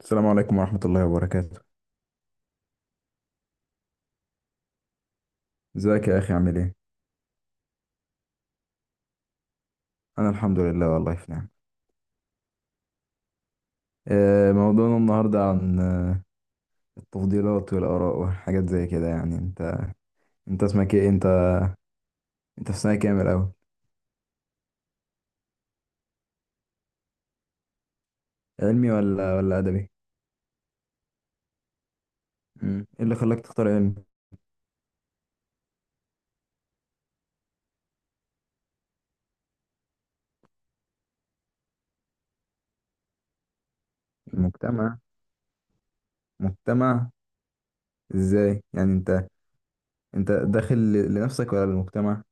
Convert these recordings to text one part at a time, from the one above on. السلام عليكم ورحمة الله وبركاته. ازيك يا أخي عامل ايه؟ أنا الحمد لله والله في نعم. موضوعنا النهاردة عن التفضيلات والآراء وحاجات زي كده يعني انت اسمك ايه؟ انت في سنة كام الأول؟ علمي ولا أدبي؟ مم. ايه اللي خلاك تختار علمي؟ المجتمع، مجتمع ازاي؟ يعني انت داخل لنفسك ولا للمجتمع؟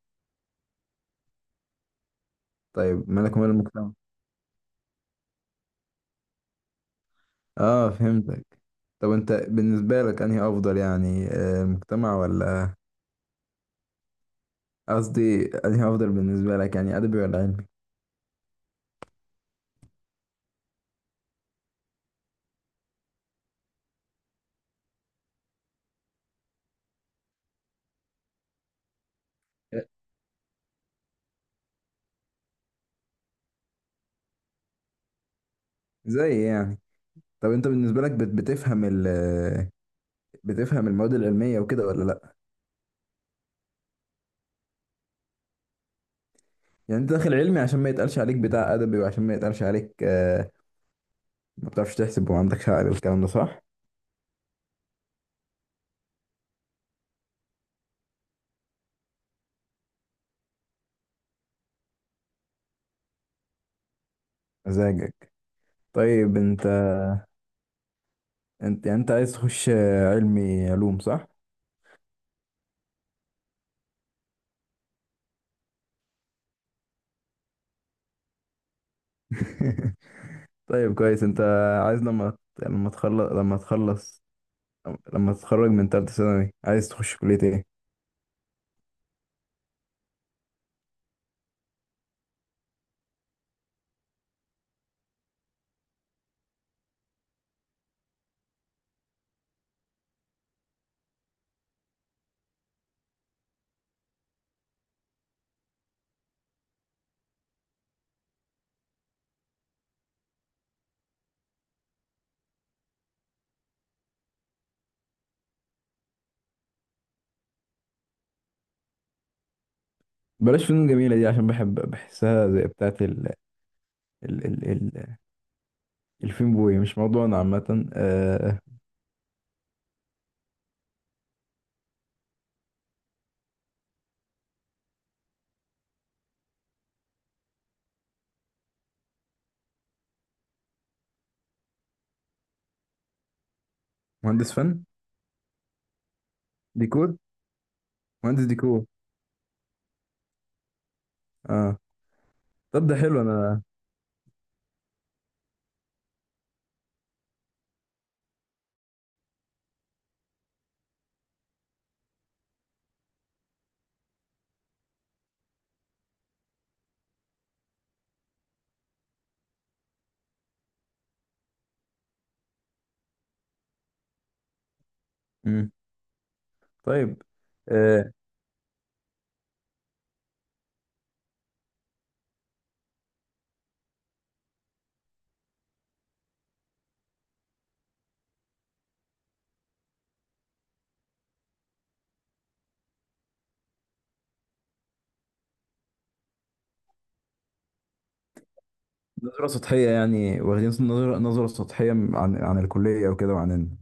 طيب مالك ومال المجتمع؟ اه فهمتك. طب انت بالنسبة لك انهي أفضل يعني المجتمع ولا، قصدي انهي افضل بالنسبه لك يعني ادبي ولا علمي؟ زي يعني. طب انت بالنسبه لك بتفهم بتفهم المواد العلميه وكده ولا لا؟ يعني انت داخل علمي عشان ما يتقالش عليك بتاع ادبي وعشان ما يتقالش عليك ما بتعرفش تحسب وما عندكش عقل، الكلام ده صح؟ مزاجك. طيب انت، انت عايز تخش علمي علوم صح؟ طيب كويس. انت عايز لما، لما تخلص لما تتخرج من تالتة ثانوي عايز تخش كلية ايه؟ بلاش فنون جميلة دي، عشان بحب بحسها زي بتاعة ال الفين بوي. مش موضوعنا عامة. آه، مهندس فن، ديكور. مهندس ديكور. اه. طب ده حلو. انا مم. طيب آه، نظرة سطحية يعني، واخدين نظرة سطحية عن عن الكلية وكده وعن.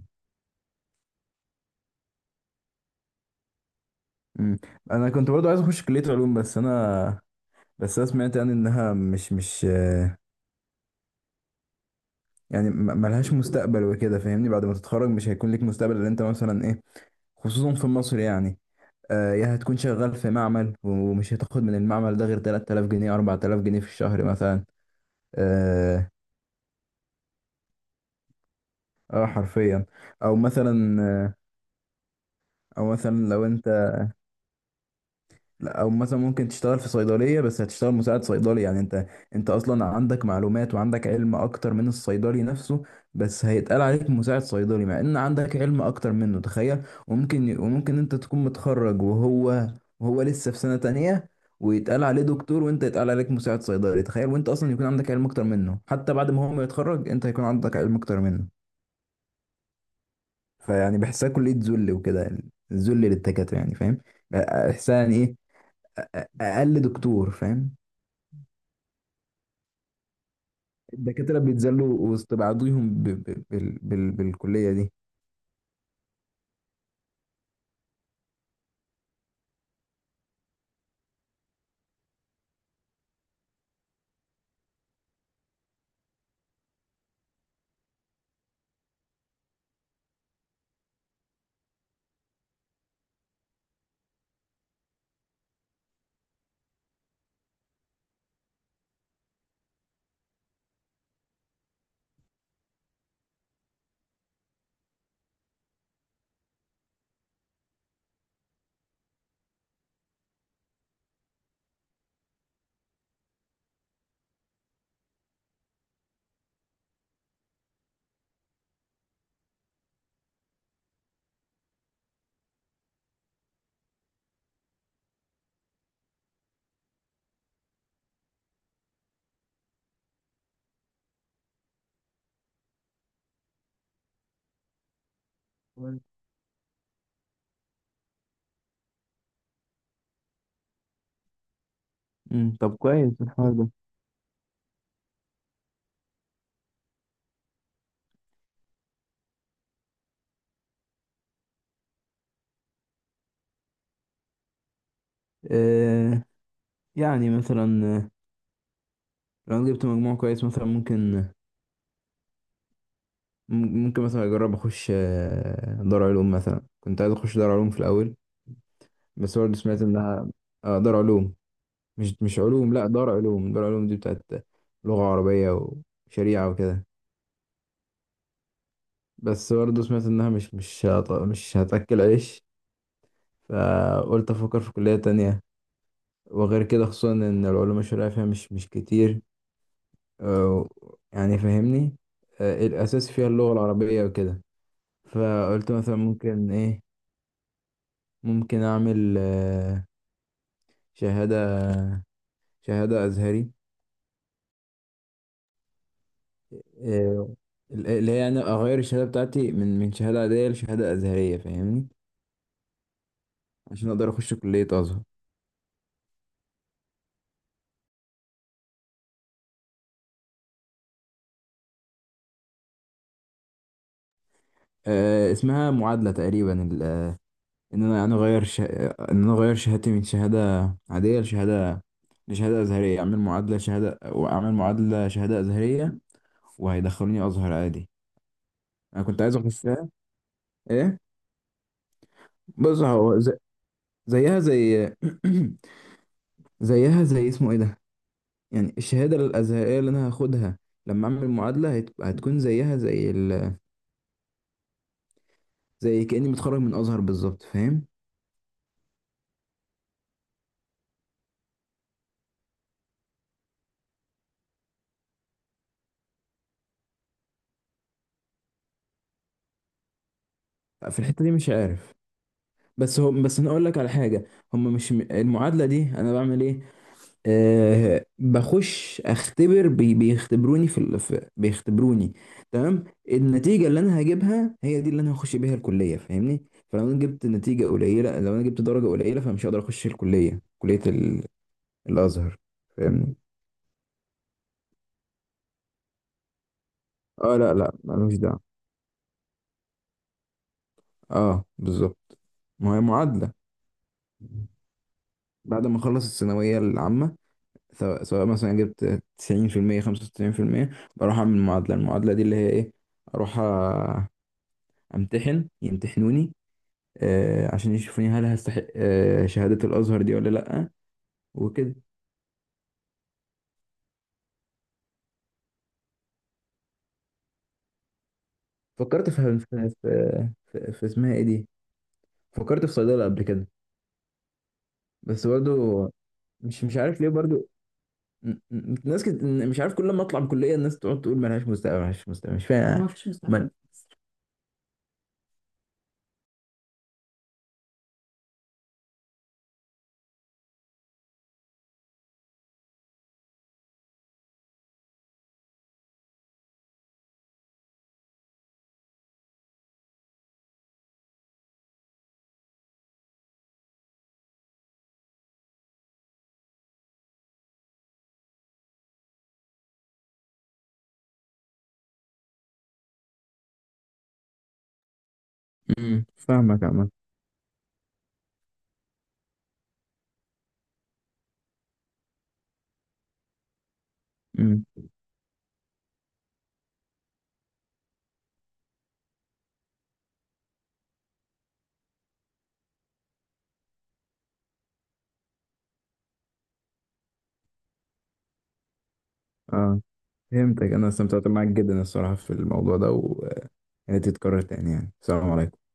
مم. انا كنت برضو عايز اخش كلية علوم بس انا، بس انا سمعت يعني انها مش يعني ملهاش مستقبل وكده، فاهمني؟ بعد ما تتخرج مش هيكون ليك مستقبل اللي انت مثلا ايه. خصوصا في مصر يعني، يا هتكون شغال في معمل ومش هتاخد من المعمل ده غير 3000 جنيه 4000 جنيه في الشهر مثلا. اه حرفيا. او مثلا او مثلا لو انت، لا او مثلا ممكن تشتغل في صيدليه بس هتشتغل مساعد صيدلي، يعني انت، انت اصلا عندك معلومات وعندك علم اكتر من الصيدلي نفسه، بس هيتقال عليك مساعد صيدلي مع ان عندك علم اكتر منه. تخيل! وممكن انت تكون متخرج وهو، وهو لسه في سنه تانية ويتقال عليه دكتور وانت يتقال عليك مساعد صيدلي. تخيل! وانت اصلا يكون عندك علم اكتر منه، حتى بعد ما هو ما يتخرج انت هيكون عندك علم اكتر منه. فيعني بحسها كليه ذل وكده، الذل للدكاتره يعني فاهم؟ بحسها يعني ايه، اقل دكتور، فاهم؟ الدكاترة بيتذلوا وسط بعضيهم بالكلية دي. كويس. طب كويس الحوار ده. آه يعني مثلا لو انا جبت مجموع كويس مثلا ممكن، ممكن مثلا اجرب اخش دار علوم، مثلا كنت عايز اخش دار علوم في الاول. بس برضه سمعت انها، آه دار علوم، مش علوم، لا دار علوم دي بتاعت لغة عربية وشريعة وكده. بس برضه سمعت انها مش هتاكل عيش، فقلت افكر في كلية تانية. وغير كده خصوصا ان العلوم الشرعيه فيها مش كتير، آه، يعني فاهمني؟ الاساس فيها اللغه العربيه وكده. فقلت مثلا ممكن ايه، ممكن اعمل شهاده، شهاده ازهري. آه، اللي هي يعني اغير الشهاده بتاعتي من شهاده عاديه لشهاده ازهريه، فاهمني؟ عشان اقدر اخش كليه ازهر. اسمها معادله تقريبا. ان انا يعني ان انا اغير شهادتي من شهاده عاديه لشهاده ازهريه، اعمل معادله شهاده، واعمل معادله شهاده ازهريه، وهيدخلوني ازهر عادي. انا كنت عايز اخشها. ايه، بص هو زيها زي، زيها زي اسمه ايه ده، يعني الشهاده الازهريه اللي انا هاخدها لما اعمل معادله هتكون زيها زي زي كاني متخرج من ازهر بالظبط، فاهم؟ في الحته دي مش عارف، بس هم، بس انا اقول لك على حاجه، هم مش، المعادله دي انا بعمل ايه؟ أه بخش اختبر، بيختبروني في، بيختبروني. تمام. النتيجه اللي انا هجيبها هي دي اللي انا هخش بيها الكليه، فاهمني؟ فلو انا جبت نتيجه قليله، لو انا جبت درجه قليله، فمش هقدر اخش الكليه، الازهر. فاهمني؟ اه لا لا ملوش دعوه. اه بالظبط، ما هي معادله. بعد ما اخلص الثانويه العامه، سواء مثلا جبت 90% 95%، بروح اعمل معادله. المعادله دي اللي هي ايه؟ اروح امتحن، يمتحنوني آه عشان يشوفوني هل هستحق آه شهادة الازهر دي ولا لا، وكده. فكرت في اسمها ايه دي، فكرت في صيدلة قبل كده. بس برضه مش عارف ليه برضه، ناس مش عارف، كل ما اطلع من الكلية الناس تقعد تقول ملهاش مستقبل ملهاش مستقبل، مش فاهم من... مم. فاهمك عمال مم. اه فهمتك، انا استمتعت معاك جدا الصراحة في الموضوع ده، ويا ريت يتكرر تاني يعني. السلام عليكم.